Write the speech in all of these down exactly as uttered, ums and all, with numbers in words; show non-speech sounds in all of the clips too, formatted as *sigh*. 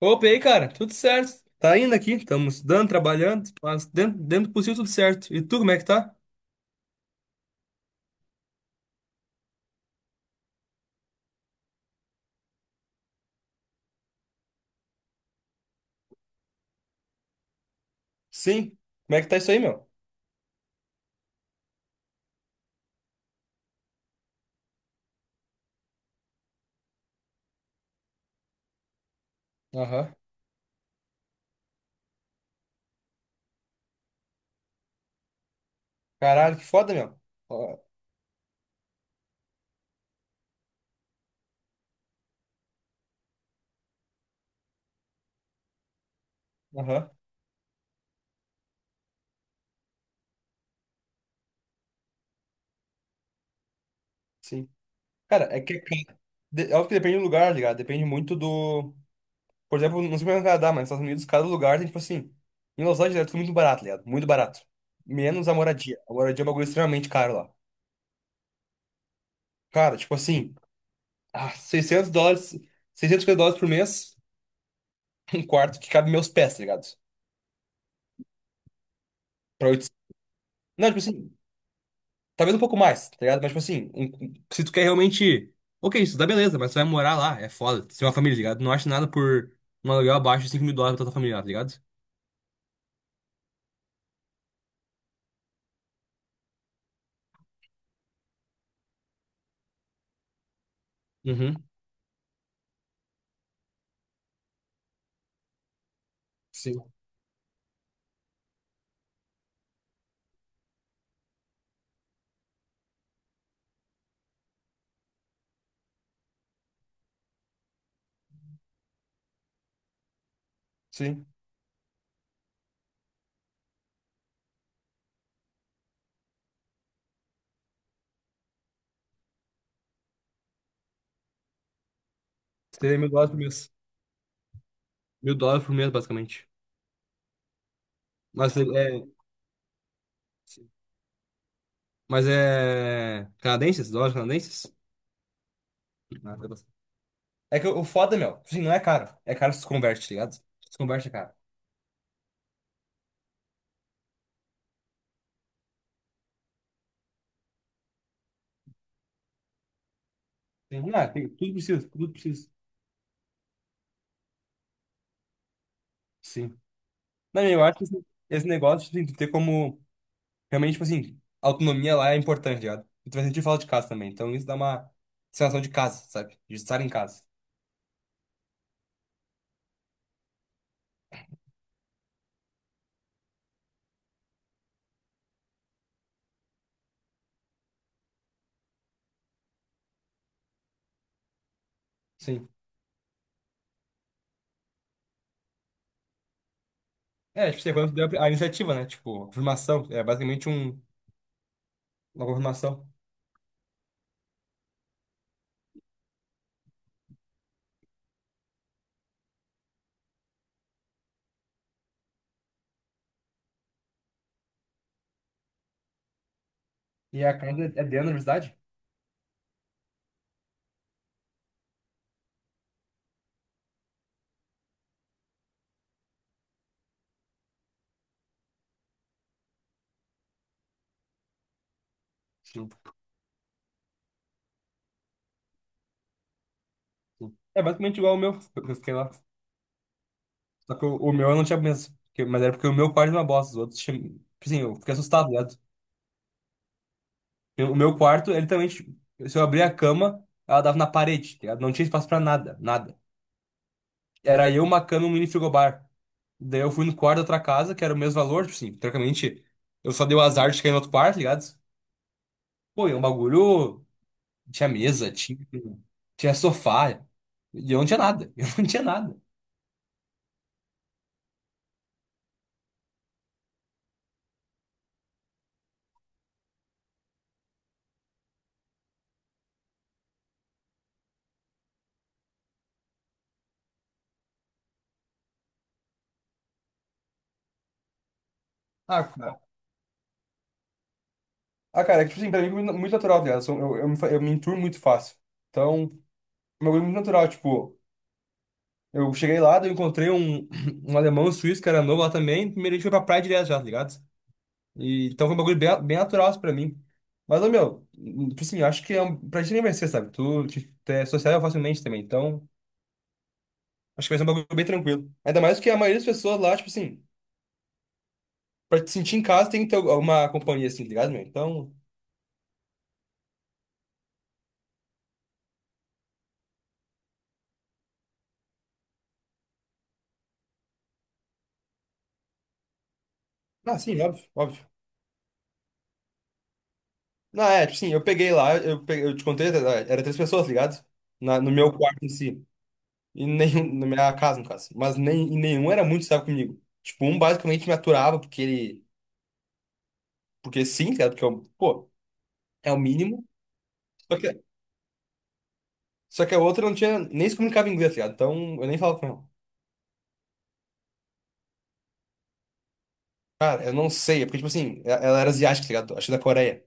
Opa, e aí, cara, tudo certo? Tá indo aqui, estamos estudando, trabalhando, mas dentro, dentro do possível tudo certo. E tu, como é que tá? Sim. Como é que tá isso aí, meu? Aham. Caralho, que foda, meu. Ó, aham, sim. Cara, é que é ca- de- é óbvio que depende do lugar, tá ligado? Depende muito do. Por exemplo, não sei como é no Canadá, mas nos Estados Unidos, cada lugar tem, tipo assim. Em Los Angeles é tudo muito barato, tá ligado? Muito barato. Menos a moradia. A moradia é um bagulho extremamente caro lá. Cara, tipo assim, ah, 600 dólares, 650 dólares por mês, *laughs* um quarto que cabe meus pés, tá ligado? Pra oitocentos. Não, tipo assim, talvez um pouco mais, tá ligado? Mas, tipo assim, um- um- se tu quer realmente. Ok, isso dá beleza, mas tu vai morar lá, é foda. Tu tem uma família, tá ligado? Não acha nada por um aluguel abaixo de cinco mil dólares mil dólares pra tua família, tá ligado? Uhum. Sim, sim. Seria mil dólares por mês. Mil dólares por mês, basicamente. Mas é. Mas é. Canadenses? Dólares canadenses? Ah, tá bom. É que o o foda, meu, tipo assim, não é caro. É caro se tu converte, tá ligado? Se tu converte, é caro. Tem, ah, tem, tudo precisa, tudo precisa. Sim. Não, eu acho que esse esse negócio, tipo assim, tu ter como. Realmente, tipo assim, a autonomia lá é importante, tá ligado? E tu vai sentir falta de casa também. Então isso dá uma sensação de casa, sabe? De estar em casa. Sim. É, tipo, você quando deu a a iniciativa, né? Tipo, a confirmação. É basicamente um, uma confirmação. E a casa é dentro da universidade? Sim, sim. É basicamente igual ao meu, que eu fiquei lá. Só que o, o meu eu não tinha mesmo. porque- Mas era porque o meu quarto era uma bosta. Os outros tinham, tipo assim, eu fiquei assustado, tá ligado? Eu- O meu quarto, ele também, tipo, se eu abrir a cama, ela dava na parede, tá ligado? Não tinha espaço pra nada, nada. Era eu, uma cama e um mini frigobar. Daí eu fui no quarto da outra casa, que era o mesmo valor, tipo assim, teoricamente. Eu só dei o azar de cair no outro quarto, tá ligado? Pô, e é um bagulho. Tinha mesa, tinha, tinha sofá. E eu não tinha nada. *laughs* Eu não tinha nada. Ah, cara, ah, cara, é que, tipo assim, pra mim é muito muito natural, tá ligado? Eu, sou- eu, eu me, fa- eu me enturmo muito fácil. Então. Uma coisa muito natural, tipo, eu cheguei lá, daí eu encontrei um, *clears throat* um alemão um suíço que era novo lá também. Primeiro a gente foi pra praia direto já, tá ligado? E então foi um bagulho bem, bem natural assim, pra mim. Mas, ô, meu, tipo assim, eu acho que é um, pra ti nem vai ser, sabe? Tu te, te é sociável facilmente também, então acho que vai ser um bagulho bem tranquilo. Ainda mais que a maioria das pessoas lá, tipo assim, pra te sentir em casa tem que ter alguma companhia assim, tá ligado, meu? Então, ah, sim, óbvio, óbvio. Não, é, tipo assim, eu peguei lá, eu, pe- eu te contei, era três pessoas, tá ligado? Na, no meu quarto em si. E nenhum, na minha casa, no caso. Mas nem, e nenhum era muito sábio comigo. Tipo, um basicamente me aturava porque ele. Porque sim, tá ligado? Porque eu, pô, é o mínimo. Só que, só que a outra não tinha nem se comunicava em inglês, tá ligado? Então eu nem falava com ela. Cara, eu não sei. É porque, tipo assim, e- ela era asiática, tá ligado? Acho que da Coreia.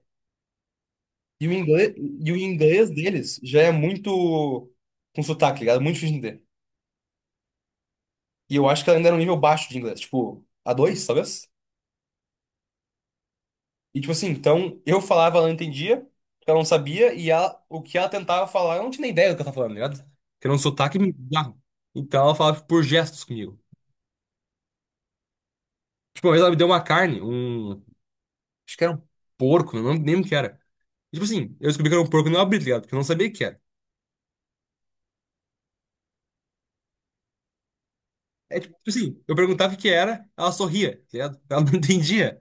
E o inglês, e o inglês deles já é muito. Com sotaque, tá ligado? É muito difícil de entender. E eu acho que ela ainda era um nível baixo de inglês. Tipo, A dois, talvez? E tipo assim, então eu falava, ela não entendia, ela não sabia, e ela, o que ela tentava falar, eu não tinha nem ideia do que ela tava falando, tá ligado? Porque era um sotaque bizarro. Então ela falava por gestos comigo. Tipo, uma vez ela me deu uma carne, um. Acho que era um porco, não lembro nem o que era. E, tipo assim, eu descobri que era um porco e não abri, tá ligado? Porque eu não sabia o que era. É tipo tipo assim, eu perguntava o que era, ela sorria, tá ligado? Ela não *laughs* entendia.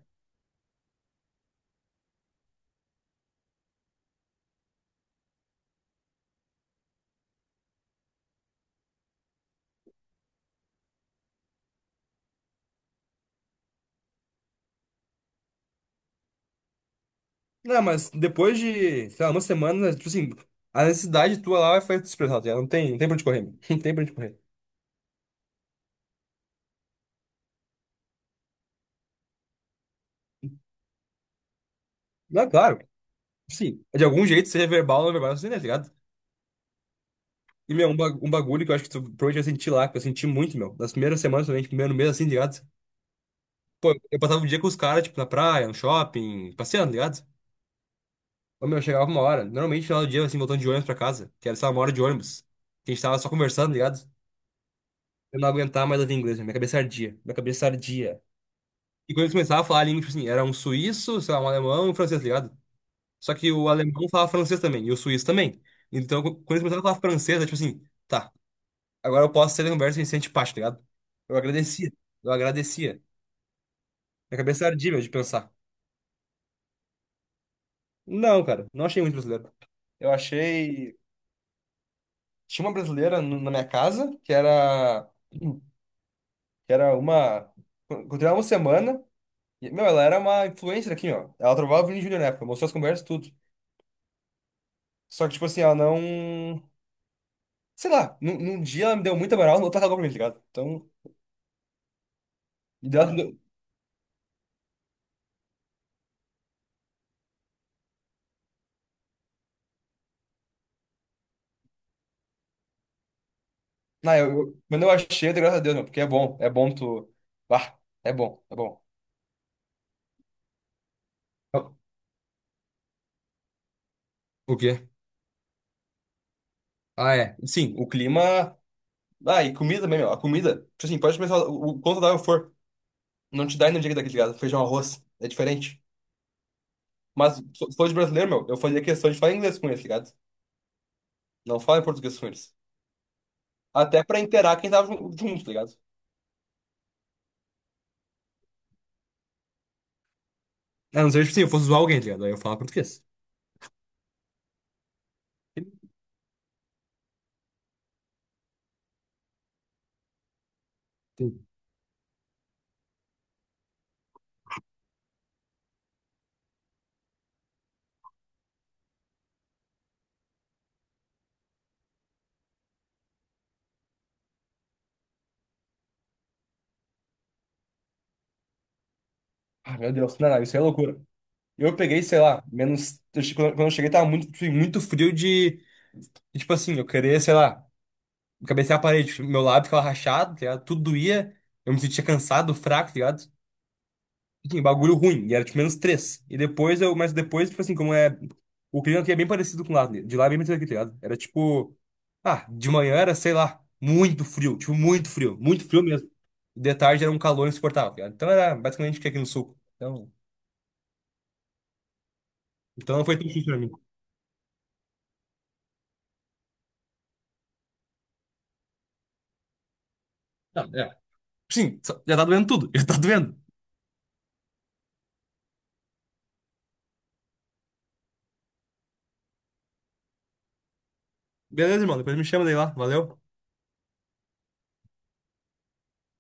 Não, mas depois de, sei lá, uma semana, tipo assim, a necessidade tua lá vai fazer tu expressar, tá ligado? Não tem, não tem pra onde correr, meu. *laughs* Não tem pra onde correr. Não, claro. Sim, de algum jeito, seja verbal ou não verbal, você tá ligado? E, meu, um, ba- um bagulho que eu acho que tu provavelmente vai sentir lá, que eu senti muito, meu. Nas primeiras semanas, principalmente, primeiro mês, assim, tá ligado? Pô, eu passava o dia com os caras, tipo, na praia, no shopping, passeando, tá ligado? Ô, meu, chegava uma hora. Normalmente, no final do dia, assim, voltando de ônibus pra casa, que era, sei lá, uma hora de ônibus. Que a gente tava só conversando, tá ligado? Eu não aguentava mais ouvir inglês, meu. Minha cabeça ardia, minha cabeça ardia. E quando eles começavam a falar a língua, tipo assim, era um suíço, sei lá, um alemão e um francês, tá ligado? Só que o alemão falava francês também, e o suíço também. Então, quando eles começavam a falar francês, era tipo assim, tá. Agora eu posso ser Humberto Vicente Paz, tá ligado? Eu agradecia. Eu agradecia. Minha cabeça ardia, meu, de pensar. Não, cara, não achei muito brasileiro. Eu achei. Tinha uma brasileira no- na minha casa, que era. Que era uma. Encontrei ela uma semana. E, meu, ela era uma influencer aqui, ó. Ela trovava o Vini Júnior na época, mostrou as conversas, tudo. Só que, tipo assim, ela não. Sei lá, num, num dia ela me deu muita moral, no outro ela cagou pra mim, tá ligado? Então. e dela- Não, eu, eu- quando eu achei, eu dei graças a Deus, meu, porque é bom, é bom tu. Ah, é bom, é bom. O quê? Ah, é. Sim, o clima. Ah, e comida também, meu. A comida, tipo assim, pode começar o o quanto saudável for. Não te dá energia daquele ligado? Feijão, arroz. É diferente. Mas se se fosse brasileiro, meu, eu fazia questão de falar inglês com eles, tá ligado? Não falar em português com eles. Até pra inteirar quem tava jun- junto, tá ligado? A não ser, tipo assim, eu fosse zoar alguém, tá ligado? Aí eu falava português. Sim. Ah, meu Deus, não, não, isso é loucura. Eu peguei, sei lá, menos. eu che- Quando quando eu cheguei, tava muito, tipo assim, muito frio de. De, tipo assim, eu queria, sei lá. Cabecei a parede, meu lábio ficava rachado, tá ligado? Tudo doía. Eu me sentia cansado, fraco, tá ligado? Enfim, bagulho ruim. E era tipo menos três. E depois eu, mas depois, tipo assim, como é. O clima aqui é bem parecido com lá, né? De lá é bem parecido aqui, tá ligado? Era tipo. Ah, de manhã era, sei lá, muito frio. Tipo, muito frio. Muito frio mesmo. De tarde era um calor insuportável, tá ligado? Então era basicamente o que é aqui no sul. Então, então, não foi tão difícil pra mim. Não, é. Sim, só- já tá doendo tudo. *laughs* Já tá doendo. Beleza, irmão. Depois me chama daí lá. Valeu.